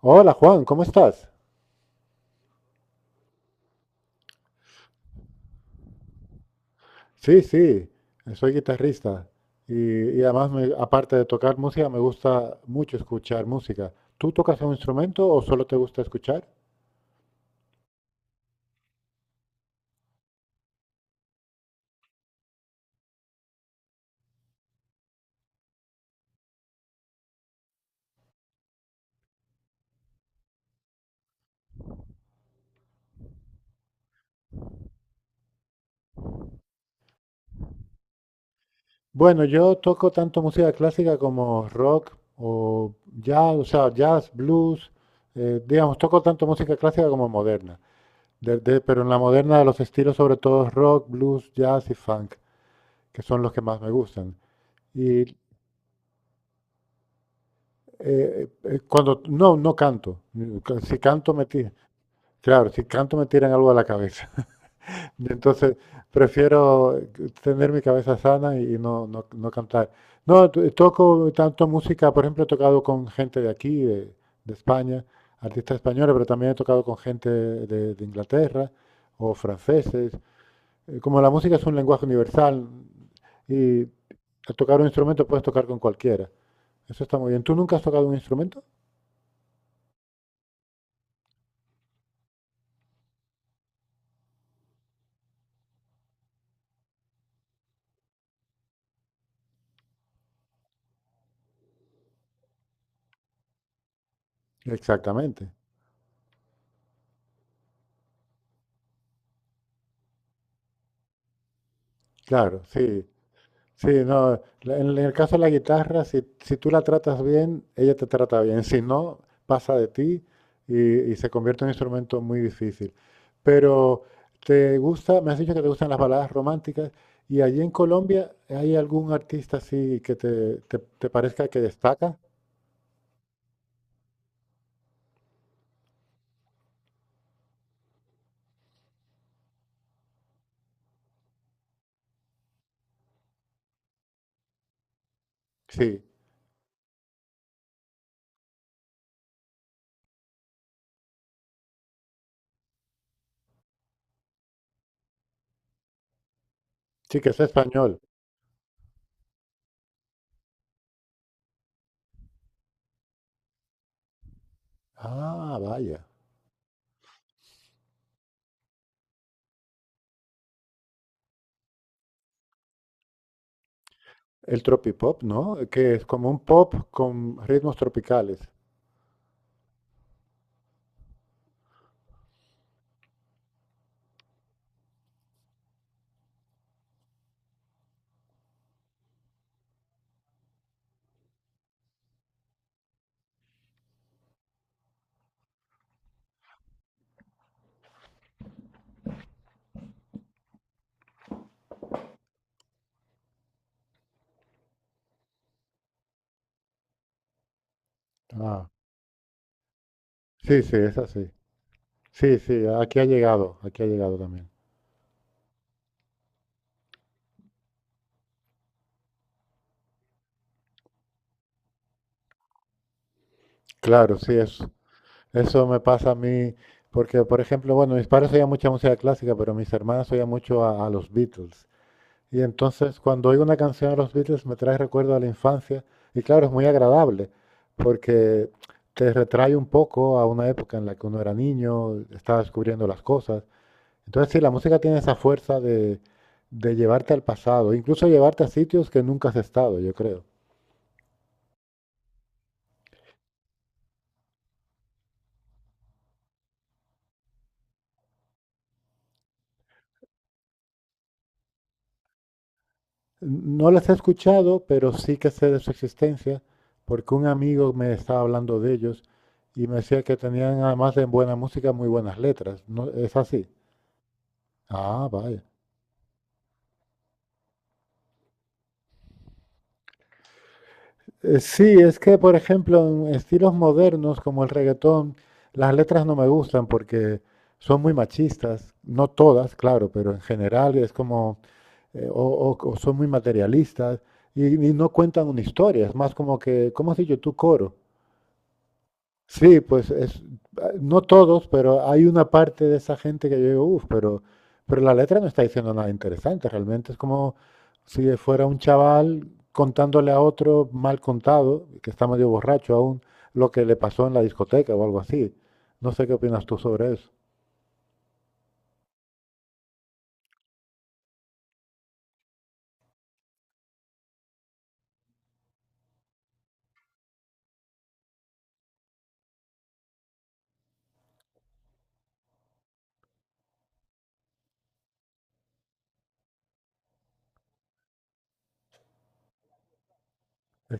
Hola Juan, ¿cómo estás? Sí, sí, soy guitarrista y además, aparte de tocar música, me gusta mucho escuchar música. ¿Tú tocas un instrumento o solo te gusta escuchar? Bueno, yo toco tanto música clásica como rock o jazz, o sea, jazz, blues, digamos, toco tanto música clásica como moderna. Pero en la moderna los estilos sobre todo rock, blues, jazz y funk, que son los que más me gustan. Y cuando no, no canto. Si canto me tiran, claro, si canto me tiran algo a la cabeza. Entonces prefiero tener mi cabeza sana y no cantar. No, toco tanto música, por ejemplo, he tocado con gente de aquí, de España, artistas españoles, pero también he tocado con gente de Inglaterra o franceses. Como la música es un lenguaje universal y al tocar un instrumento puedes tocar con cualquiera. Eso está muy bien. ¿Tú nunca has tocado un instrumento? Exactamente. Claro, sí, sí, no. En el caso de la guitarra, si, si tú la tratas bien, ella te trata bien. Si no, pasa de ti y se convierte en un instrumento muy difícil. Pero te gusta, me has dicho que te gustan las baladas románticas. ¿Y allí en Colombia hay algún artista así que te parezca que destaca? Sí, sí, que es español. Ah, vaya. El tropipop, ¿no? Que es como un pop con ritmos tropicales. Ah, sí, sí, es así. Sí, sí, aquí ha llegado también. Claro, sí, es, eso me pasa a mí, porque por ejemplo, bueno, mis padres oían mucha música clásica, pero mis hermanas oían mucho a los Beatles. Y entonces cuando oigo una canción de los Beatles me trae recuerdo a la infancia y claro, es muy agradable, porque te retrae un poco a una época en la que uno era niño, estaba descubriendo las cosas. Entonces sí, la música tiene esa fuerza de llevarte al pasado, incluso llevarte a sitios que nunca has estado, yo creo. No las he escuchado, pero sí que sé de su existencia, porque un amigo me estaba hablando de ellos y me decía que tenían, además de buena música, muy buenas letras. ¿No, ¿es así? Ah, vaya. Sí, es que, por ejemplo, en estilos modernos como el reggaetón, las letras no me gustan porque son muy machistas, no todas, claro, pero en general es como, eh, o, o son muy materialistas y no cuentan una historia, es más como que, ¿cómo has dicho tú, coro? Sí, pues es, ah, no todos, pero hay una parte de esa gente que yo digo, uff, pero la letra no está diciendo nada interesante, realmente es como si fuera un chaval contándole a otro mal contado, que está medio borracho aún, lo que le pasó en la discoteca o algo así. No sé qué opinas tú sobre eso. Eh,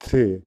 Sí,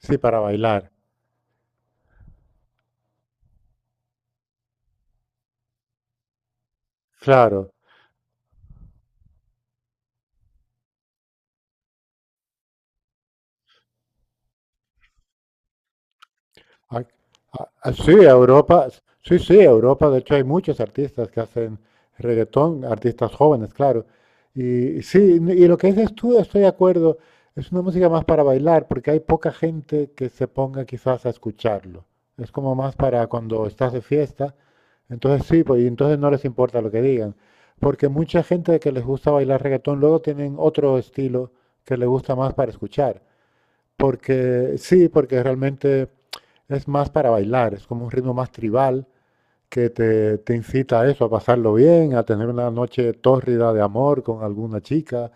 sí, para bailar, claro. Ah, sí, Europa, sí, sí, Europa, de hecho hay muchos artistas que hacen reggaetón, artistas jóvenes, claro. Y sí, y lo que dices tú, estoy de acuerdo, es una música más para bailar, porque hay poca gente que se ponga quizás a escucharlo. Es como más para cuando estás de fiesta, entonces sí, pues y entonces no les importa lo que digan, porque mucha gente que les gusta bailar reggaetón luego tienen otro estilo que les gusta más para escuchar. Porque sí, porque realmente es más para bailar, es como un ritmo más tribal que te incita a eso, a pasarlo bien, a tener una noche tórrida de amor con alguna chica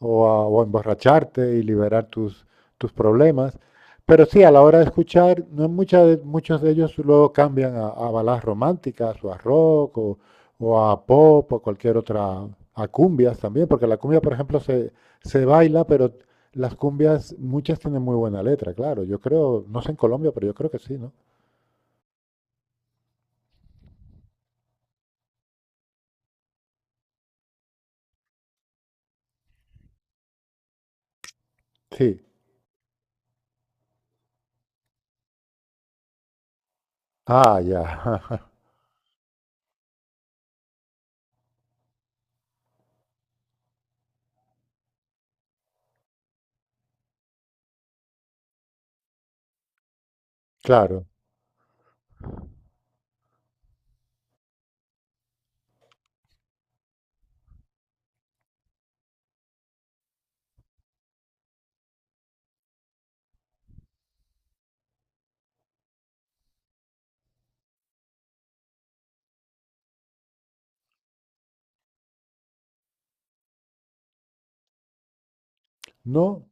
o a emborracharte y liberar tus, tus problemas. Pero sí, a la hora de escuchar, no muchas muchos de ellos luego cambian a baladas románticas o a rock o a pop o cualquier otra, a cumbias también, porque la cumbia, por ejemplo, se baila, pero las cumbias, muchas tienen muy buena letra, claro. Yo creo, no sé en Colombia, pero yo creo que sí, ¿no? Sí. Ah, ya. Claro. No,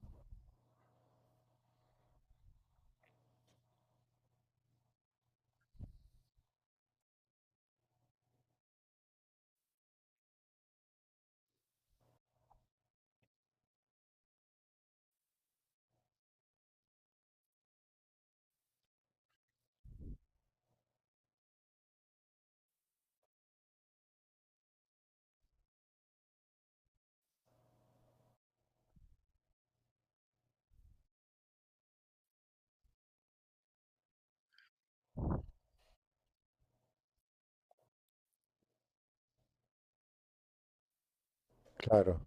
claro.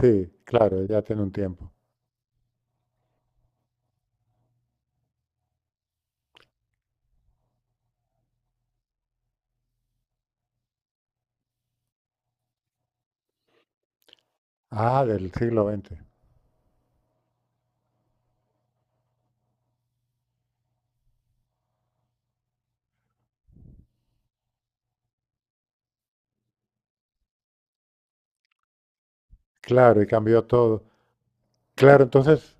Sí, claro, ya tiene un tiempo. Ah, del siglo XX. Claro, y cambió todo. Claro, entonces,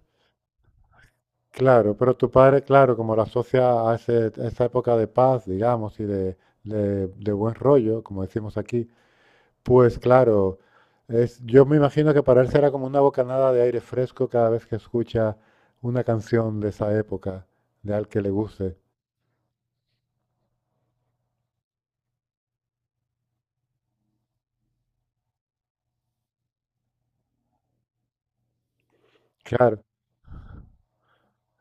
claro, pero tu padre, claro, como lo asocia a, a esa época de paz, digamos, y de, de buen rollo, como decimos aquí, pues claro, es, yo me imagino que para él será como una bocanada de aire fresco cada vez que escucha una canción de esa época, de al que le guste. Claro.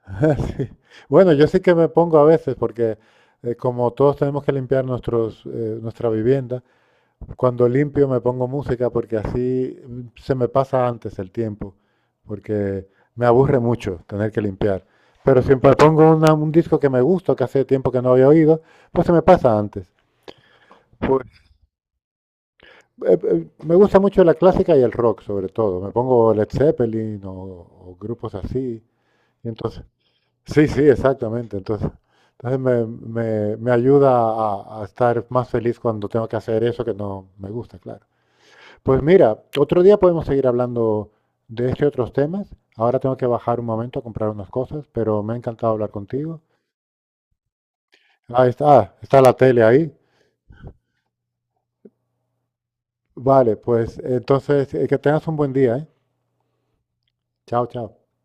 Sí. Bueno, yo sí que me pongo a veces, porque como todos tenemos que limpiar nuestros, nuestra vivienda. Cuando limpio me pongo música porque así se me pasa antes el tiempo, porque me aburre mucho tener que limpiar. Pero si me pongo un disco que me gusta, que hace tiempo que no había oído, pues se me pasa antes. Pues, me gusta mucho la clásica y el rock, sobre todo. Me pongo Led Zeppelin o grupos así. Y entonces, sí, sí, exactamente. Entonces, entonces me, me ayuda a estar más feliz cuando tengo que hacer eso que no me gusta, claro. Pues mira, otro día podemos seguir hablando de este y otros temas. Ahora tengo que bajar un momento a comprar unas cosas, pero me ha encantado hablar contigo. Ah, está la tele ahí. Vale, pues entonces que tengas un buen día, ¿eh? Chao, chao.